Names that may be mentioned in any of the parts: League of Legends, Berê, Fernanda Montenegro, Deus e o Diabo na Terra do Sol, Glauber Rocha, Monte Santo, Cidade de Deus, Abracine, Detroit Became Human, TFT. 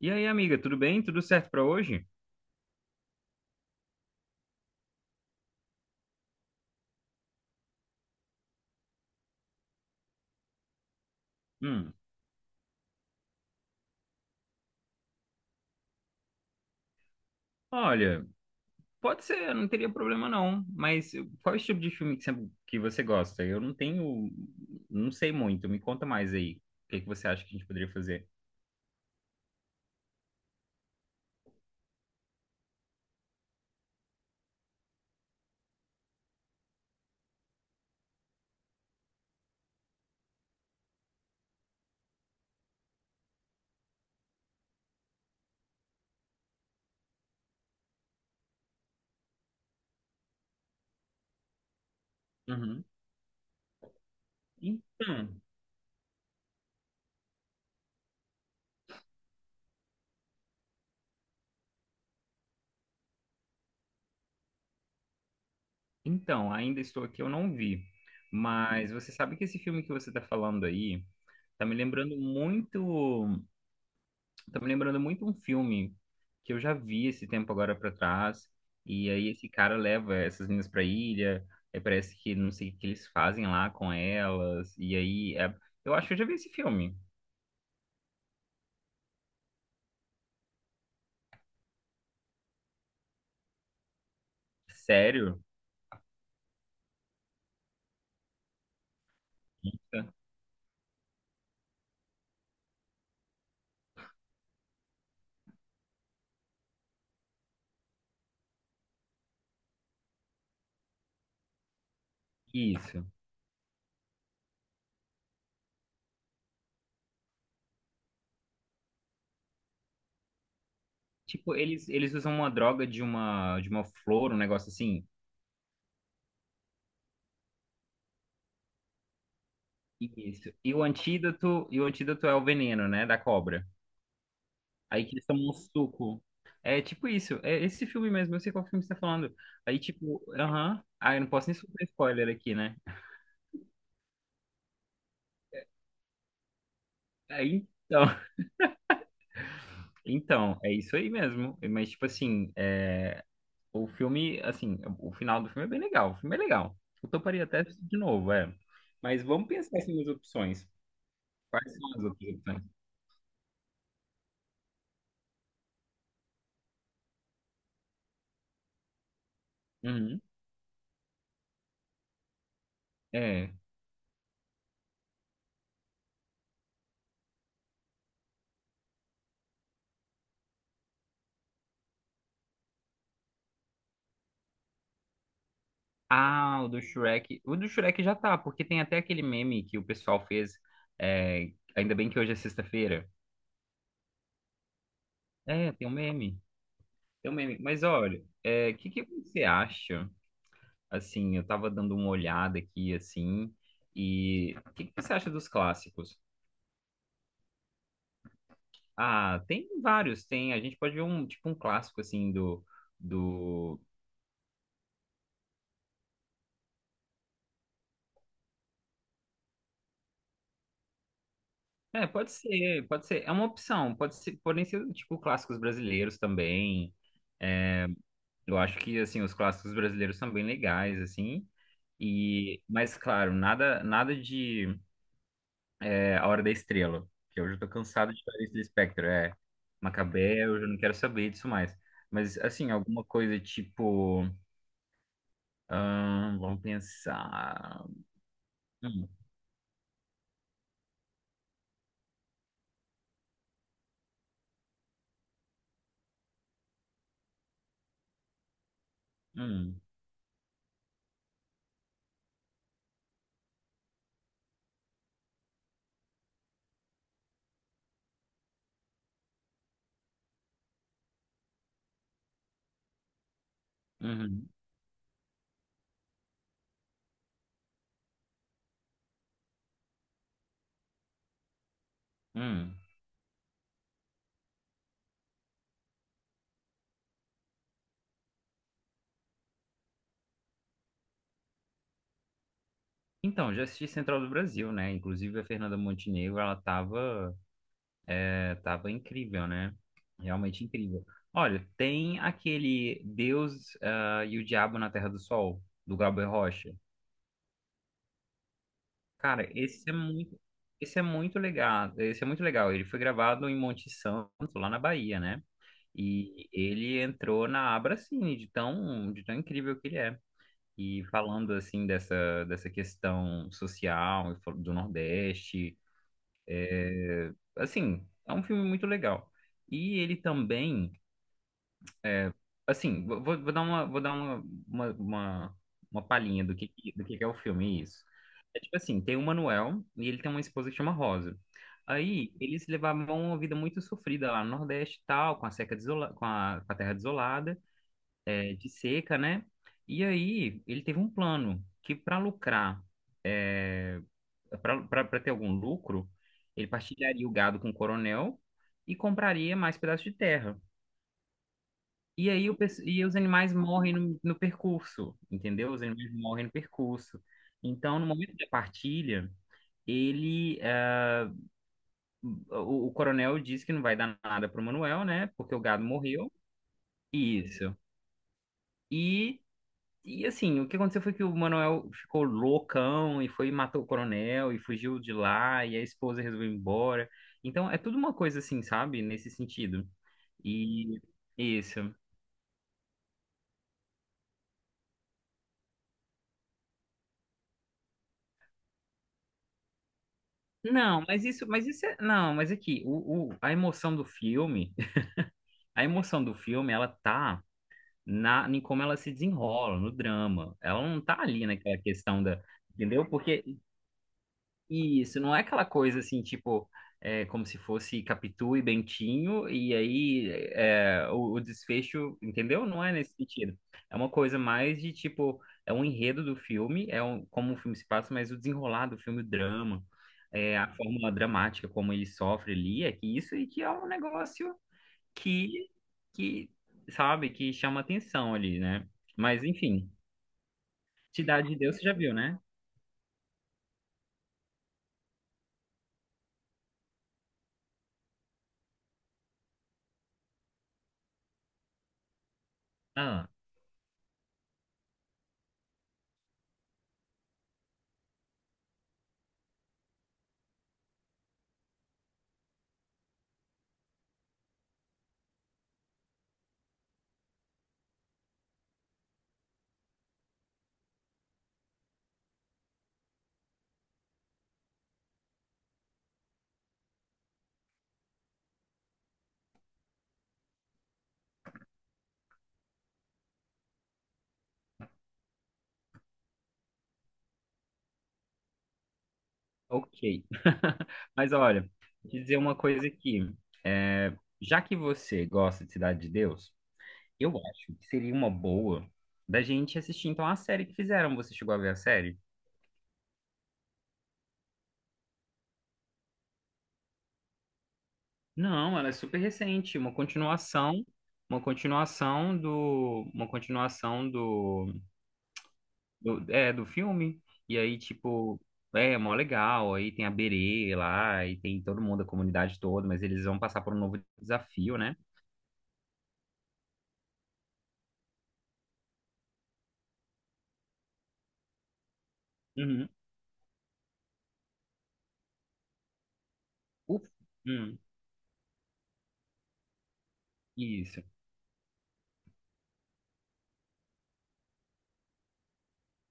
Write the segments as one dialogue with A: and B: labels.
A: E aí, amiga, tudo bem? Tudo certo pra hoje? Hum, olha, pode ser, eu não teria problema não, mas qual é o tipo de filme que você gosta? Eu não não sei muito, me conta mais aí. O que que você acha que a gente poderia fazer? Uhum. Então, então, ainda estou aqui, eu não vi, mas você sabe que esse filme que você tá falando aí tá me lembrando muito Tá me lembrando muito um filme que eu já vi esse tempo agora pra trás. E aí esse cara leva essas meninas pra ilha. Aí parece que não sei o que eles fazem lá com elas. Eu acho que eu já vi esse filme. Sério? Eita. Isso. Tipo, eles usam uma droga de uma flor, um negócio assim. Isso. E o antídoto é o veneno, né, da cobra. Aí que eles tomam um suco. É tipo isso. É esse filme mesmo. Eu sei qual filme você tá falando. Aí, tipo, aham. Ah, eu não posso nem sofrer spoiler aqui, né? Aí, então, é isso aí mesmo. Mas, tipo assim, é, o filme, assim, o final do filme é bem legal. O filme é legal. Eu toparia até assistir de novo, é. Mas vamos pensar assim nas opções. Quais são as outras opções? Uhum. É. Ah, o do Shrek. O do Shrek já tá, porque tem até aquele meme que o pessoal fez. É, ainda bem que hoje é sexta-feira. É, tem um meme. Mas olha, o que que você acha? Assim, eu tava dando uma olhada aqui, assim, e o que que você acha dos clássicos? Ah, tem vários, tem. A gente pode ver um, tipo, um clássico, assim, do... É, pode ser. É uma opção, podem ser, tipo, clássicos brasileiros também. Eu acho que, assim, os clássicos brasileiros são bem legais, assim. E, mas, claro, nada de... É A Hora da Estrela, que hoje eu tô cansado de fazer isso do Lispector, é Macabé, eu já não quero saber disso mais. Mas, assim, alguma coisa tipo, vamos pensar... Hum, hum, uhum, hum. Então, já assisti Central do Brasil, né? Inclusive a Fernanda Montenegro, tava incrível, né? Realmente incrível. Olha, tem aquele Deus, ah, e o Diabo na Terra do Sol, do Glauber Rocha. Cara, esse é muito legal. Esse é muito legal. Ele foi gravado em Monte Santo, lá na Bahia, né? E ele entrou na Abracine, de tão incrível que ele é. E falando assim dessa questão social e do Nordeste, assim, é um filme muito legal. E ele também é. Assim, vou dar uma palhinha do do que é o filme, isso. É tipo assim, tem o Manuel e ele tem uma esposa que chama Rosa. Aí, eles levavam uma vida muito sofrida lá no Nordeste e tal, com a seca desola, com a terra desolada, é, de seca, né? E aí, ele teve um plano que para lucrar, é, para ter algum lucro, ele partilharia o gado com o coronel e compraria mais pedaços de terra. E aí o, pes- e os animais morrem no percurso, entendeu? Os animais morrem no percurso. Então, no momento da partilha, ele, eh, o coronel diz que não vai dar nada pro Manuel, né? Porque o gado morreu. Isso. E, e assim, o que aconteceu foi que o Manuel ficou loucão e foi e matou o coronel e fugiu de lá e a esposa resolveu ir embora. Então, é tudo uma coisa assim, sabe? Nesse sentido. E isso. Não, mas isso é, não, mas aqui, a emoção do filme, a emoção do filme, ela tá em como ela se desenrola, no drama. Ela não tá ali naquela questão da, entendeu? Porque isso, não é aquela coisa assim, tipo, é, como se fosse Capitu e Bentinho, e aí é, o desfecho, entendeu? Não é nesse sentido. É uma coisa mais de tipo, é um enredo do filme, é um, como o filme se passa, mas o desenrolar do filme, o drama, é, a forma dramática como ele sofre ali, é que isso e que é um negócio que, que, sabe, que chama atenção ali, né? Mas enfim, Cidade de Deus você já viu, né? Ah. Ok. Mas olha, vou te dizer uma coisa aqui. É, já que você gosta de Cidade de Deus, eu acho que seria uma boa da gente assistir então a série que fizeram. Você chegou a ver a série? Não, ela é super recente, uma continuação do filme. E aí, tipo, é mó legal. Aí tem a Berê lá, e tem todo mundo, a comunidade toda, mas eles vão passar por um novo desafio, né? Uhum. Uf. Hum. Isso.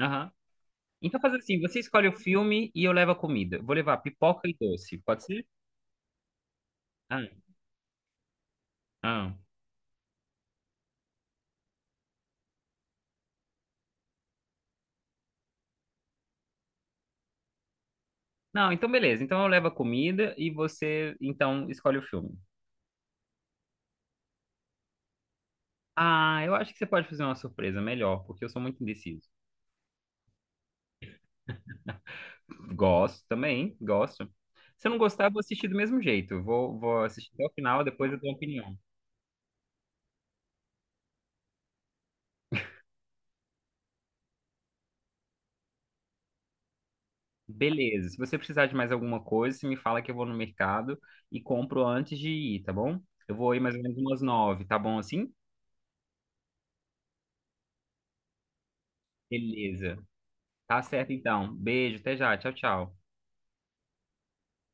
A: Aham. Então faz assim, você escolhe o filme e eu levo a comida. Vou levar pipoca e doce, pode ser? Ah, ah. Não, então beleza. Então eu levo a comida e você, então, escolhe o filme. Ah, eu acho que você pode fazer uma surpresa melhor, porque eu sou muito indeciso. Gosto também, gosto. Se eu não gostar, eu vou assistir do mesmo jeito. Eu vou assistir até o final, depois eu dou uma opinião. Beleza. Se você precisar de mais alguma coisa, você me fala que eu vou no mercado e compro antes de ir, tá bom? Eu vou ir mais ou menos umas 9, tá bom assim? Beleza. Tá certo, então. Beijo, até já. Tchau, tchau.